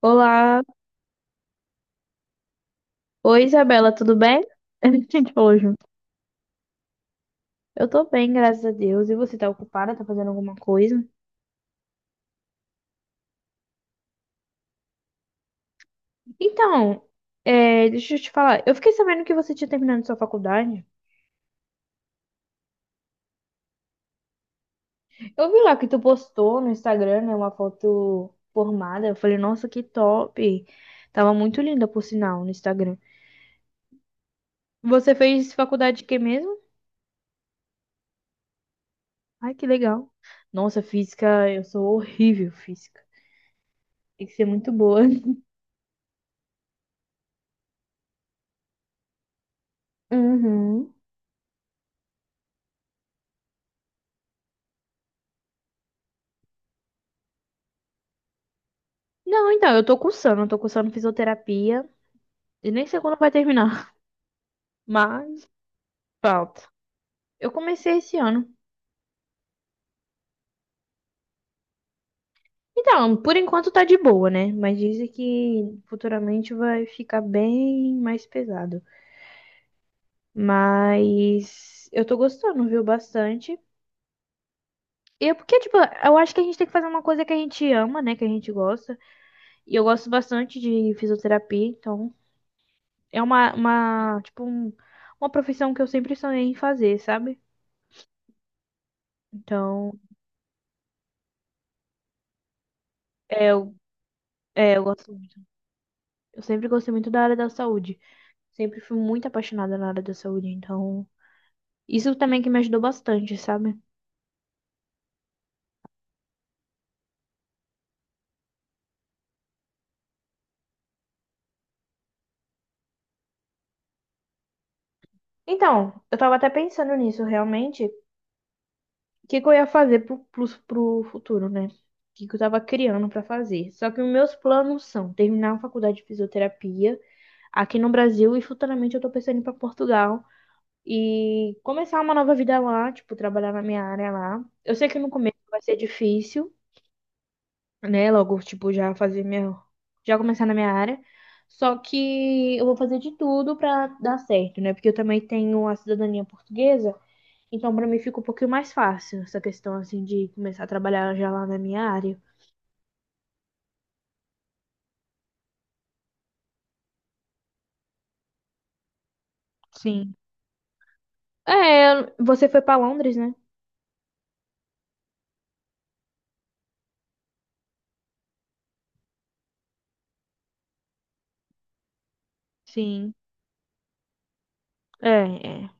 Olá, oi Isabela, tudo bem? A gente falou junto. Eu tô bem, graças a Deus. E você tá ocupada? Tá fazendo alguma coisa? Então, deixa eu te falar. Eu fiquei sabendo que você tinha terminado sua faculdade. Eu vi lá que tu postou no Instagram, né, uma foto formada. Eu falei, nossa, que top. Tava muito linda, por sinal, no Instagram. Você fez faculdade de quê mesmo? Ai, que legal. Nossa, física, eu sou horrível, em física. Tem que ser muito boa. Uhum. Não, então, eu tô cursando fisioterapia e nem sei quando vai terminar, mas falta. Eu comecei esse ano. Então, por enquanto tá de boa, né? Mas dizem que futuramente vai ficar bem mais pesado. Mas eu tô gostando, viu? Bastante. E é porque, tipo, eu acho que a gente tem que fazer uma coisa que a gente ama, né? Que a gente gosta. E eu gosto bastante de fisioterapia, então é uma profissão que eu sempre sonhei em fazer, sabe? Então, é, eu é, eu gosto muito. Eu sempre gostei muito da área da saúde. Sempre fui muito apaixonada na área da saúde, então. Isso também que me ajudou bastante, sabe? Então, eu tava até pensando nisso, realmente. O que que eu ia fazer pro futuro, né? O que que eu tava criando pra fazer. Só que os meus planos são terminar a faculdade de fisioterapia aqui no Brasil e futuramente eu tô pensando em ir pra Portugal e começar uma nova vida lá, tipo, trabalhar na minha área lá. Eu sei que no começo vai ser difícil. Né? Logo, tipo, já fazer minha. Já começar na minha área. Só que eu vou fazer de tudo pra dar certo, né? Porque eu também tenho a cidadania portuguesa, então pra mim fica um pouquinho mais fácil essa questão, assim, de começar a trabalhar já lá na minha área. Sim, é, você foi pra Londres, né? Sim. É, é.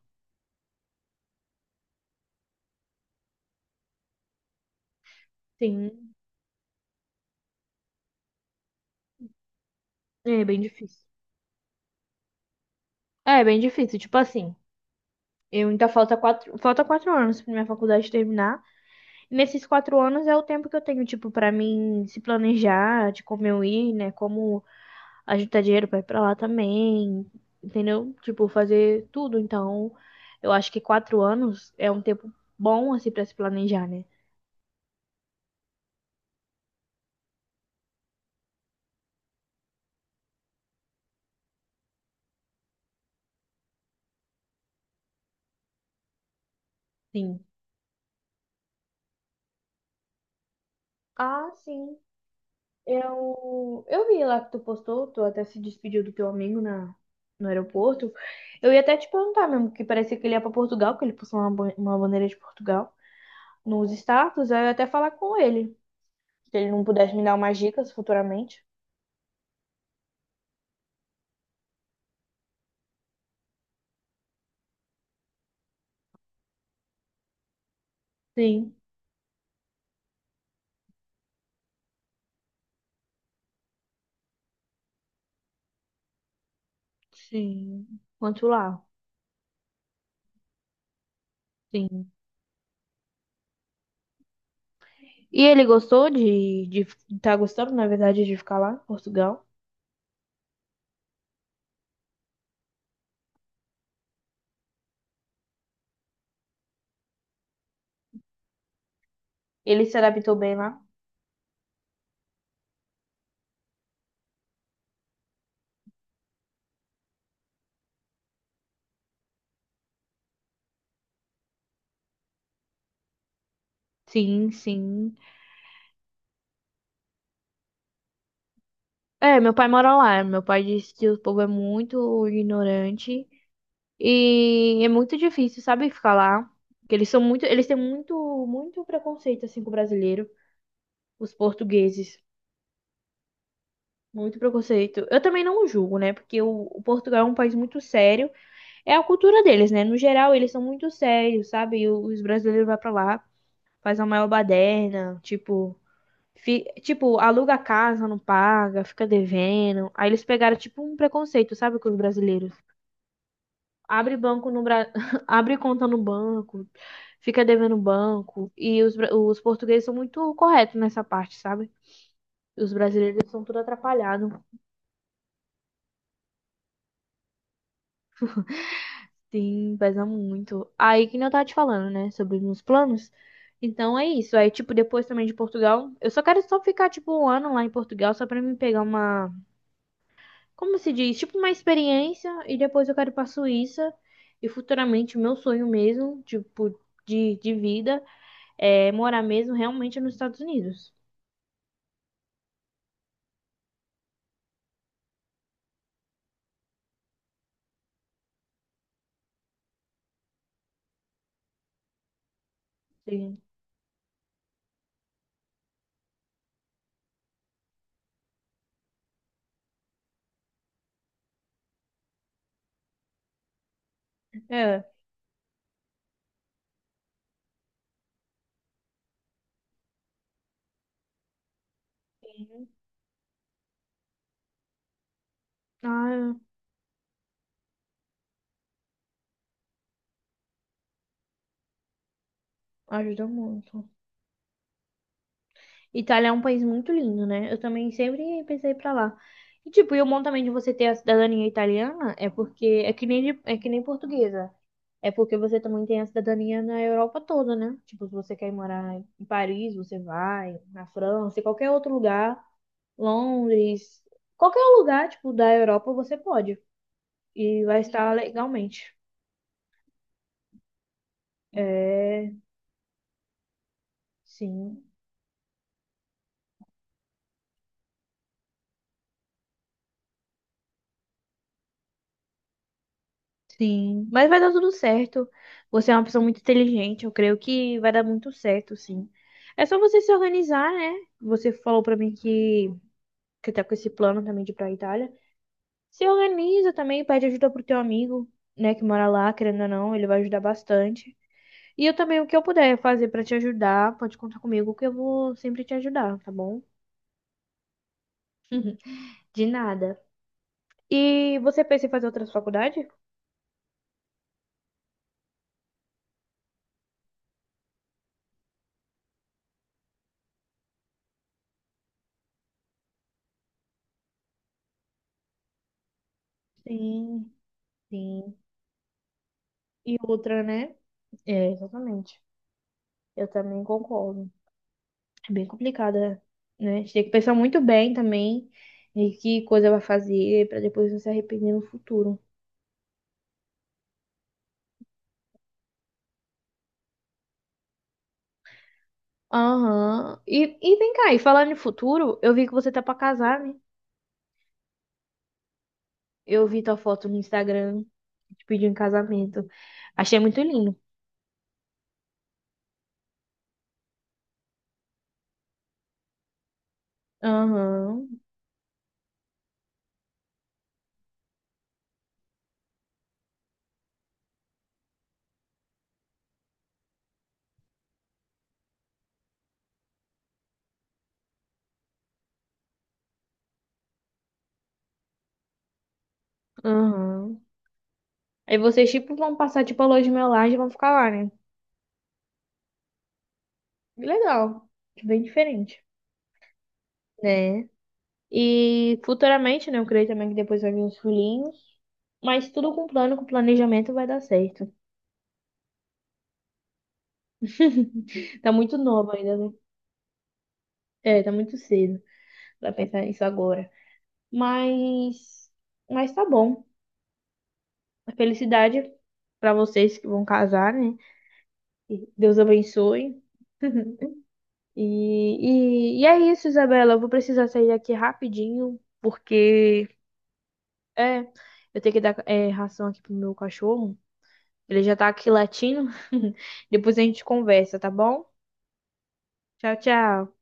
Sim, é bem difícil. É, bem difícil. Tipo assim, eu ainda falta 4 anos pra minha faculdade terminar. Nesses 4 anos é o tempo que eu tenho, tipo, pra mim se planejar de como eu ir, né? Como ajuntar dinheiro pra ir pra lá também, entendeu? Tipo, fazer tudo. Então, eu acho que 4 anos é um tempo bom, assim, pra se planejar, né? Sim. Ah, sim. Eu vi lá que tu postou, tu até se despediu do teu amigo na, no aeroporto. Eu ia até te perguntar mesmo, que parecia que ele ia pra Portugal, que ele postou uma bandeira de Portugal nos status, aí eu ia até falar com ele. Se ele não pudesse me dar umas dicas futuramente. Sim, sim. Quanto lá. Sim. E ele gostou de, de. Tá gostando, na verdade, de ficar lá, em Portugal? Ele se adaptou bem lá. Sim, sim. É, meu pai mora lá. Meu pai disse que o povo é muito ignorante e é muito difícil, sabe, ficar lá. Que eles são muito, muito preconceito assim com o brasileiro, os portugueses, muito preconceito. Eu também não julgo, né? Porque o Portugal é um país muito sério. É a cultura deles, né? No geral, eles são muito sérios, sabe? E os brasileiros vão pra lá, faz a maior baderna, tipo, aluga a casa, não paga, fica devendo. Aí eles pegaram, tipo, um preconceito, sabe, com os brasileiros. Abre banco no Bra... abre conta no banco, fica devendo banco. E os portugueses são muito corretos nessa parte, sabe? Os brasileiros são tudo atrapalhados. Sim, pesa muito. Aí que nem eu tava te falando, né, sobre os meus planos. Então é isso. Aí, tipo, depois também de Portugal, eu só quero só ficar, tipo, 1 ano lá em Portugal, só pra me pegar uma, como se diz, tipo, uma experiência. E depois eu quero ir pra Suíça. E futuramente, o meu sonho mesmo, tipo, de vida, é morar mesmo realmente nos Estados Unidos. Sim. É. Sim. Ah, ajuda muito. Itália é um país muito lindo, né? Eu também sempre pensei pra lá. E tipo, e o bom também de você ter a cidadania italiana é porque é que nem de- é que nem portuguesa. É porque você também tem a cidadania na Europa toda, né? Tipo, se você quer morar em Paris, você vai, na França, em qualquer outro lugar, Londres, qualquer lugar, tipo, da Europa, você pode. E vai estar legalmente. É, sim. Sim, mas vai dar tudo certo. Você é uma pessoa muito inteligente, eu creio que vai dar muito certo, sim. É só você se organizar, né? Você falou pra mim que tá com esse plano também de ir pra Itália. Se organiza também, pede ajuda pro teu amigo, né, que mora lá, querendo ou não, ele vai ajudar bastante. E eu também, o que eu puder fazer pra te ajudar, pode contar comigo, que eu vou sempre te ajudar, tá bom? De nada. E você pensa em fazer outras faculdades? Sim, sim. E outra, né? É, exatamente. Eu também concordo. É bem complicada, né? A gente tem que pensar muito bem também em que coisa vai fazer pra depois não se arrepender no futuro. Aham. E vem cá, e falando em futuro, eu vi que você tá pra casar, né? Eu vi tua foto no Instagram, te pediu em casamento. Achei muito lindo. Aham, aham. Aí vocês, tipo, vão passar, tipo, a lua de mel lá e vão ficar lá, né? Legal. Bem diferente, né? E futuramente, né? Eu creio também que depois vai vir os filhinhos. Mas tudo com plano, com planejamento vai dar certo. Tá muito nova ainda, né? É, tá muito cedo pra pensar nisso agora. Mas, mas tá bom. Felicidade pra vocês que vão casar, né? E Deus abençoe. E é isso, Isabela. Eu vou precisar sair daqui rapidinho, porque é, eu tenho que dar ração aqui pro meu cachorro. Ele já tá aqui latindo. Depois a gente conversa, tá bom? Tchau, tchau.